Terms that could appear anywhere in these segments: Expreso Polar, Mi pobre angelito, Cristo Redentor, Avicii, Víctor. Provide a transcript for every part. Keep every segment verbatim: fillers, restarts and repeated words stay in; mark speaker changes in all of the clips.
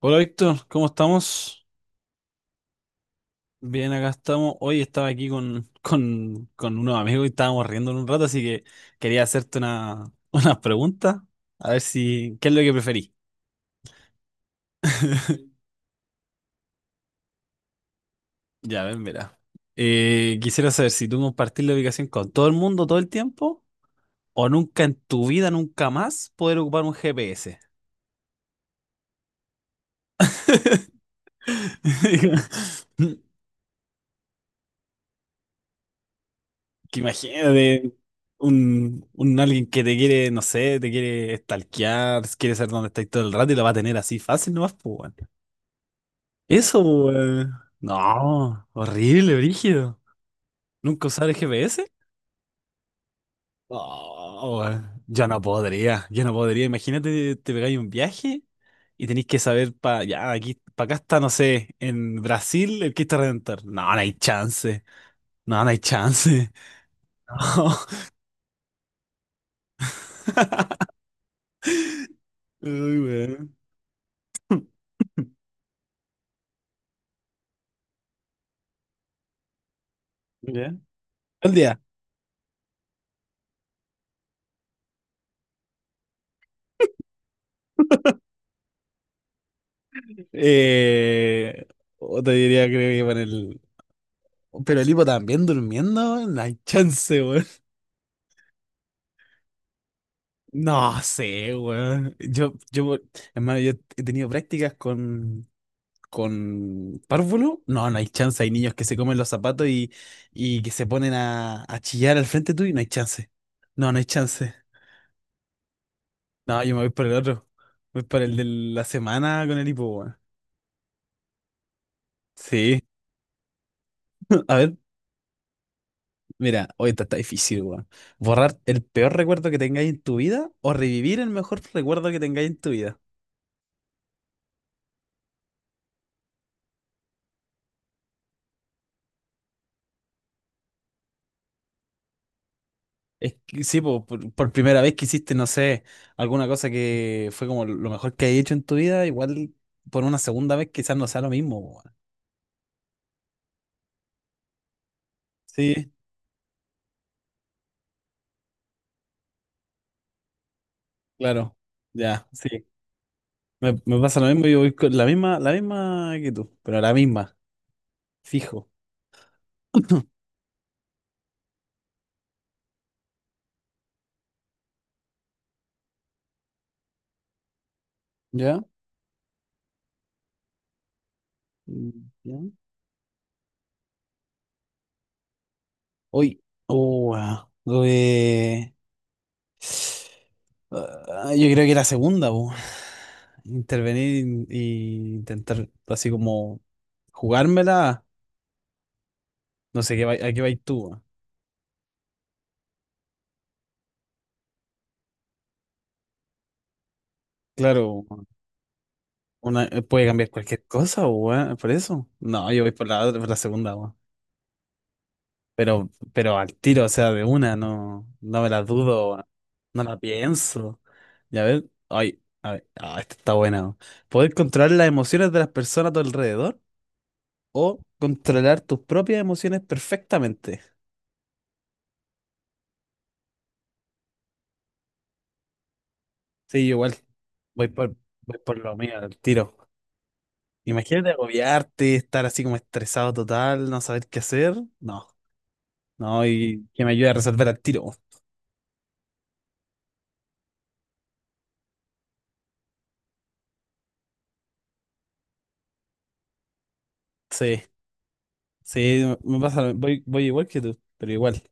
Speaker 1: Hola Víctor, ¿cómo estamos? Bien, acá estamos. Hoy estaba aquí con, con, con unos amigos y estábamos riendo un rato, así que quería hacerte una, una pregunta. A ver si, ¿qué es lo que preferís? Ya, ven, verá. Eh, quisiera saber si tú compartís la ubicación con todo el mundo todo el tiempo o nunca en tu vida, nunca más poder ocupar un G P S. Que imagínate un, un alguien que te quiere, no sé, te quiere stalkear, quiere saber dónde estáis todo el rato y lo va a tener así fácil nomás, pues, weón. Eso, weón. No, horrible, brígido. ¿Nunca usar el G P S? No, weón. Yo no podría, yo no podría. Imagínate, te pegáis un viaje y tenéis que saber para ya, aquí, para acá está, no sé, en Brasil el Cristo Redentor. No, no hay chance. No, no hay chance. No. Uy, weón. ¿Ya? ¿Cuál día? Eh, o te diría, creo que para el. Pero el hipo también durmiendo, no hay chance, weón. No sé, weón. Yo, yo, hermano, yo he tenido prácticas con, con párvulo. No, no hay chance. Hay niños que se comen los zapatos y, y que se ponen a, a chillar al frente tuyo y no hay chance. No, no hay chance. No, yo me voy por el otro. Voy por el de la semana con el hipo, weón. Sí. A ver. Mira, hoy está, está difícil, weón. ¿Borrar el peor recuerdo que tengáis en tu vida o revivir el mejor recuerdo que tengáis en tu vida? Es que sí, po, por, por primera vez que hiciste, no sé, alguna cosa que fue como lo mejor que has hecho en tu vida, igual por una segunda vez quizás no sea lo mismo, weón. Sí, claro. Ya, sí. Me, me pasa lo mismo, yo voy con la misma, la misma que tú, pero la misma, fijo. ¿Ya? Mm, ¿ya? Hoy, oh, weón. Ah, yo creo que la segunda, po. Intervenir y intentar así como jugármela. No sé, ¿qué vai- ¿a qué vais tú, weón? Claro, una, puede cambiar cualquier cosa, weón, por eso. No, yo voy por la, otra- por la segunda, weón. Pero, pero al tiro, o sea, de una, no, no me la dudo, weón. No la pienso. Ya ver, ay, a ver, ah, esta está buena, weón. Poder controlar las emociones de las personas a tu alrededor o controlar tus propias emociones perfectamente. Sí, yo igual. Voy por, voy por lo mío, al tiro. Imagínate agobiarte, estar así como estresado total, no saber qué hacer. No, no, y que me ayude a resolver al tiro. Sí, sí, me pasa, lo- voy, voy igual que tú, pero igual.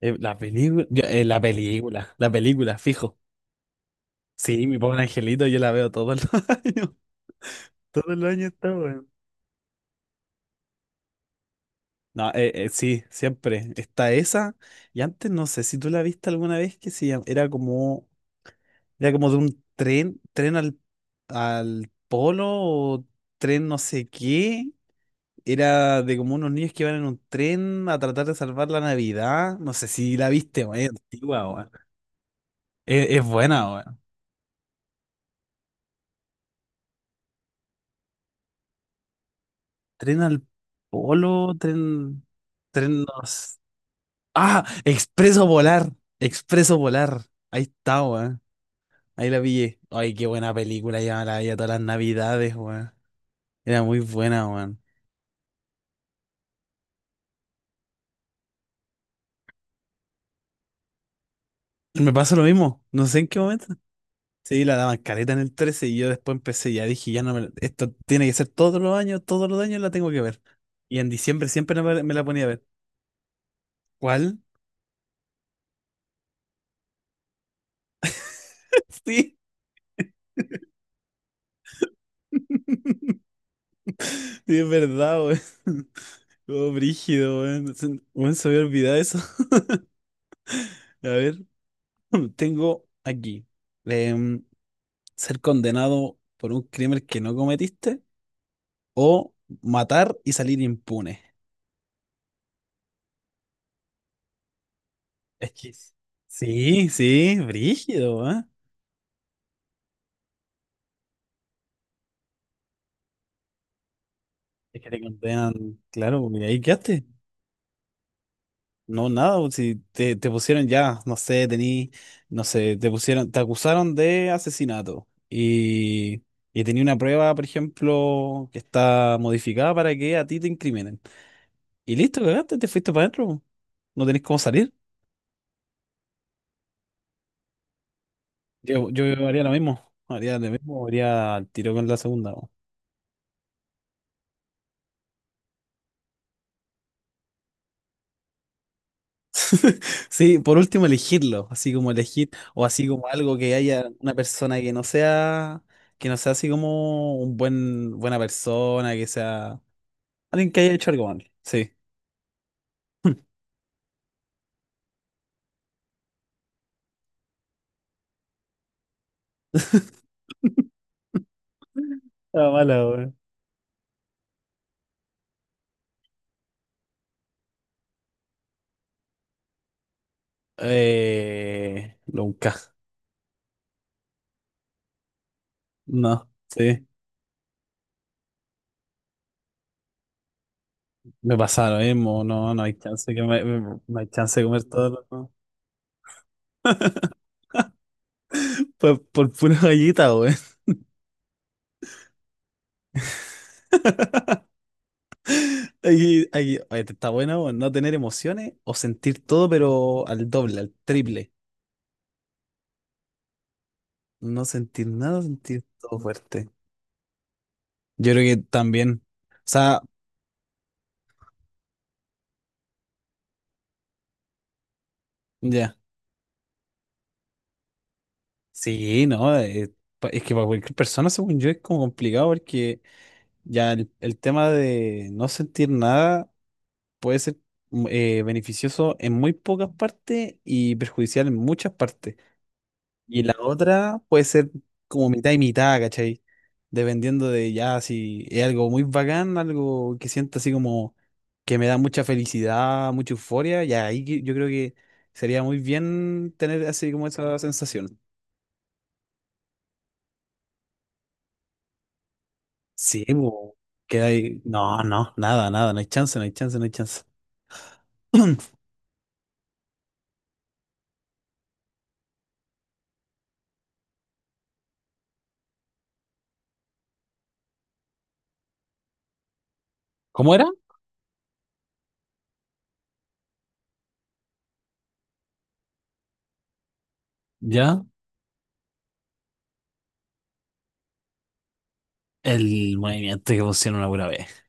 Speaker 1: Eh, la película, yo- eh, la película, la película, fijo. Sí, mi pobre angelito, yo la veo todos los años. Todos los años está, weón. No, eh, eh, sí, siempre. Está esa. Y antes no sé si tú la viste alguna vez que se llam- era como, era como de un tren, tren al, al polo o tren no sé qué. Era de como unos niños que iban en un tren a tratar de salvar la Navidad. No sé si la viste, weón. Es antigua, weón. Es, es buena, weón. Tren al polo, tren, tren no sé. Ah, Expreso Polar. Expreso Polar. Ahí está, weón. Ahí la pillé. Ay, qué buena película, ya me la veía todas las navidades, weón. Era muy buena, weón. Me pasa lo mismo, no sé en qué momento. Sí, la daban caleta en el trece y yo después empecé, ya dije, ya no me la- esto tiene que ser todos los años, todos los años la tengo que ver. Y en diciembre siempre me la me la ponía a ver. ¿Cuál? Sí, sí, es verdad, weón. Todo brígido, weón. Se weón, se me había olvidado eso. A ver, tengo aquí. em, ser condenado por un crimen que no cometiste o matar y salir impune. Es que sí, sí, brígido, ¿eh? Es que te condenan, claro, y ahí quedaste. No, nada, pues, si te, te pusieron ya, no sé, tení, no sé, te pusieron, te acusaron de asesinato y, y tenía una prueba, por ejemplo, que está modificada para que a ti te incriminen. Y listo, cagaste, te fuiste para adentro, pues. No tenés cómo salir. Yo, yo haría lo mismo, haría lo mismo, haría al tiro con la segunda, pues. Sí, por último elegirlo, así como elegir, o así como algo que haya una persona que no sea, que no sea así como un buen, buena persona, que sea alguien que haya hecho algo mal. Sí. Ah, mala, weón. Eh, nunca. No, sí. Me pasa lo mismo, no, no hay chance que me, me- no hay chance de comer todo lo- no. Por, por pura gallita, güey. Ahí- ahí- oye, ¿te está bueno, weón? No tener emociones o sentir todo, pero al doble, al triple. No sentir nada, sentir todo fuerte. Yo creo que también. O sea, ya. Sí, no, eh, pa- es que para cualquier persona, según yo, es como complicado porque ya el, el tema de no sentir nada puede ser mm, eh, beneficioso en muy pocas partes y perjudicial en muchas partes. Y la otra puede ser como mitad y mitad, ¿cachai? Dependiendo de ya si es algo muy bacán, algo que siento así como que me da mucha felicidad, mucha euforia, y ahí que- yo creo que sería muy bien tener así como esa sensación. Sí, bo, que hay... No, no, nada, nada, no hay chance, no hay chance, no hay chance. ¿Cómo era? Ya, el movimiento que funciona una pura vez.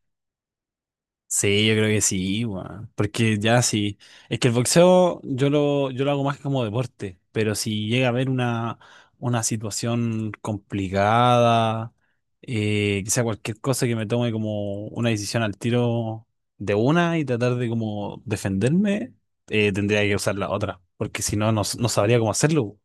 Speaker 1: Sí, yo creo que sí, weón. Porque ya sí. Es que el boxeo yo lo, yo lo hago más como deporte, pero si llega a haber una, una situación complicada, eh, quizá cualquier cosa que me tome como una decisión al tiro de una y tratar de como defenderme, eh, tendría que usar la otra, porque si no, no, s- no sabría cómo hacerlo.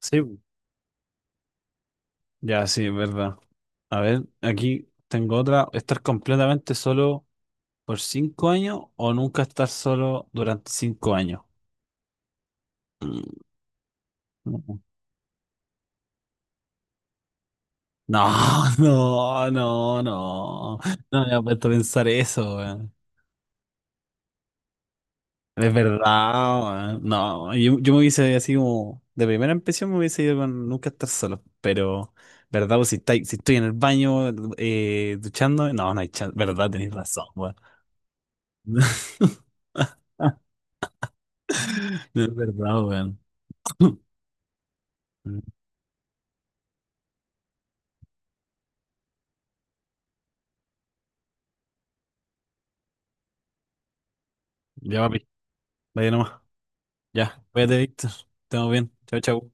Speaker 1: Sí, ya sí, es verdad. A ver, aquí tengo otra. Estar completamente solo ¿por cinco años o nunca estar solo durante cinco años? Mm, no, no, no, no. No me había puesto a pensar eso, weón. Es verdad, weón. No, yo, yo me hubiese así como. De primera impresión me hubiese ido con nunca estar solo. Pero, ¿verdad? Pues si, estáis- si estoy en el baño eh, duchando, no, no hay chance. ¿Verdad? Tenéis razón, weón. No, es verdad, weón. Ya, papi. Vaya nomás. Ya, cuídate, Víctor. Estamos bien. Chao, chao.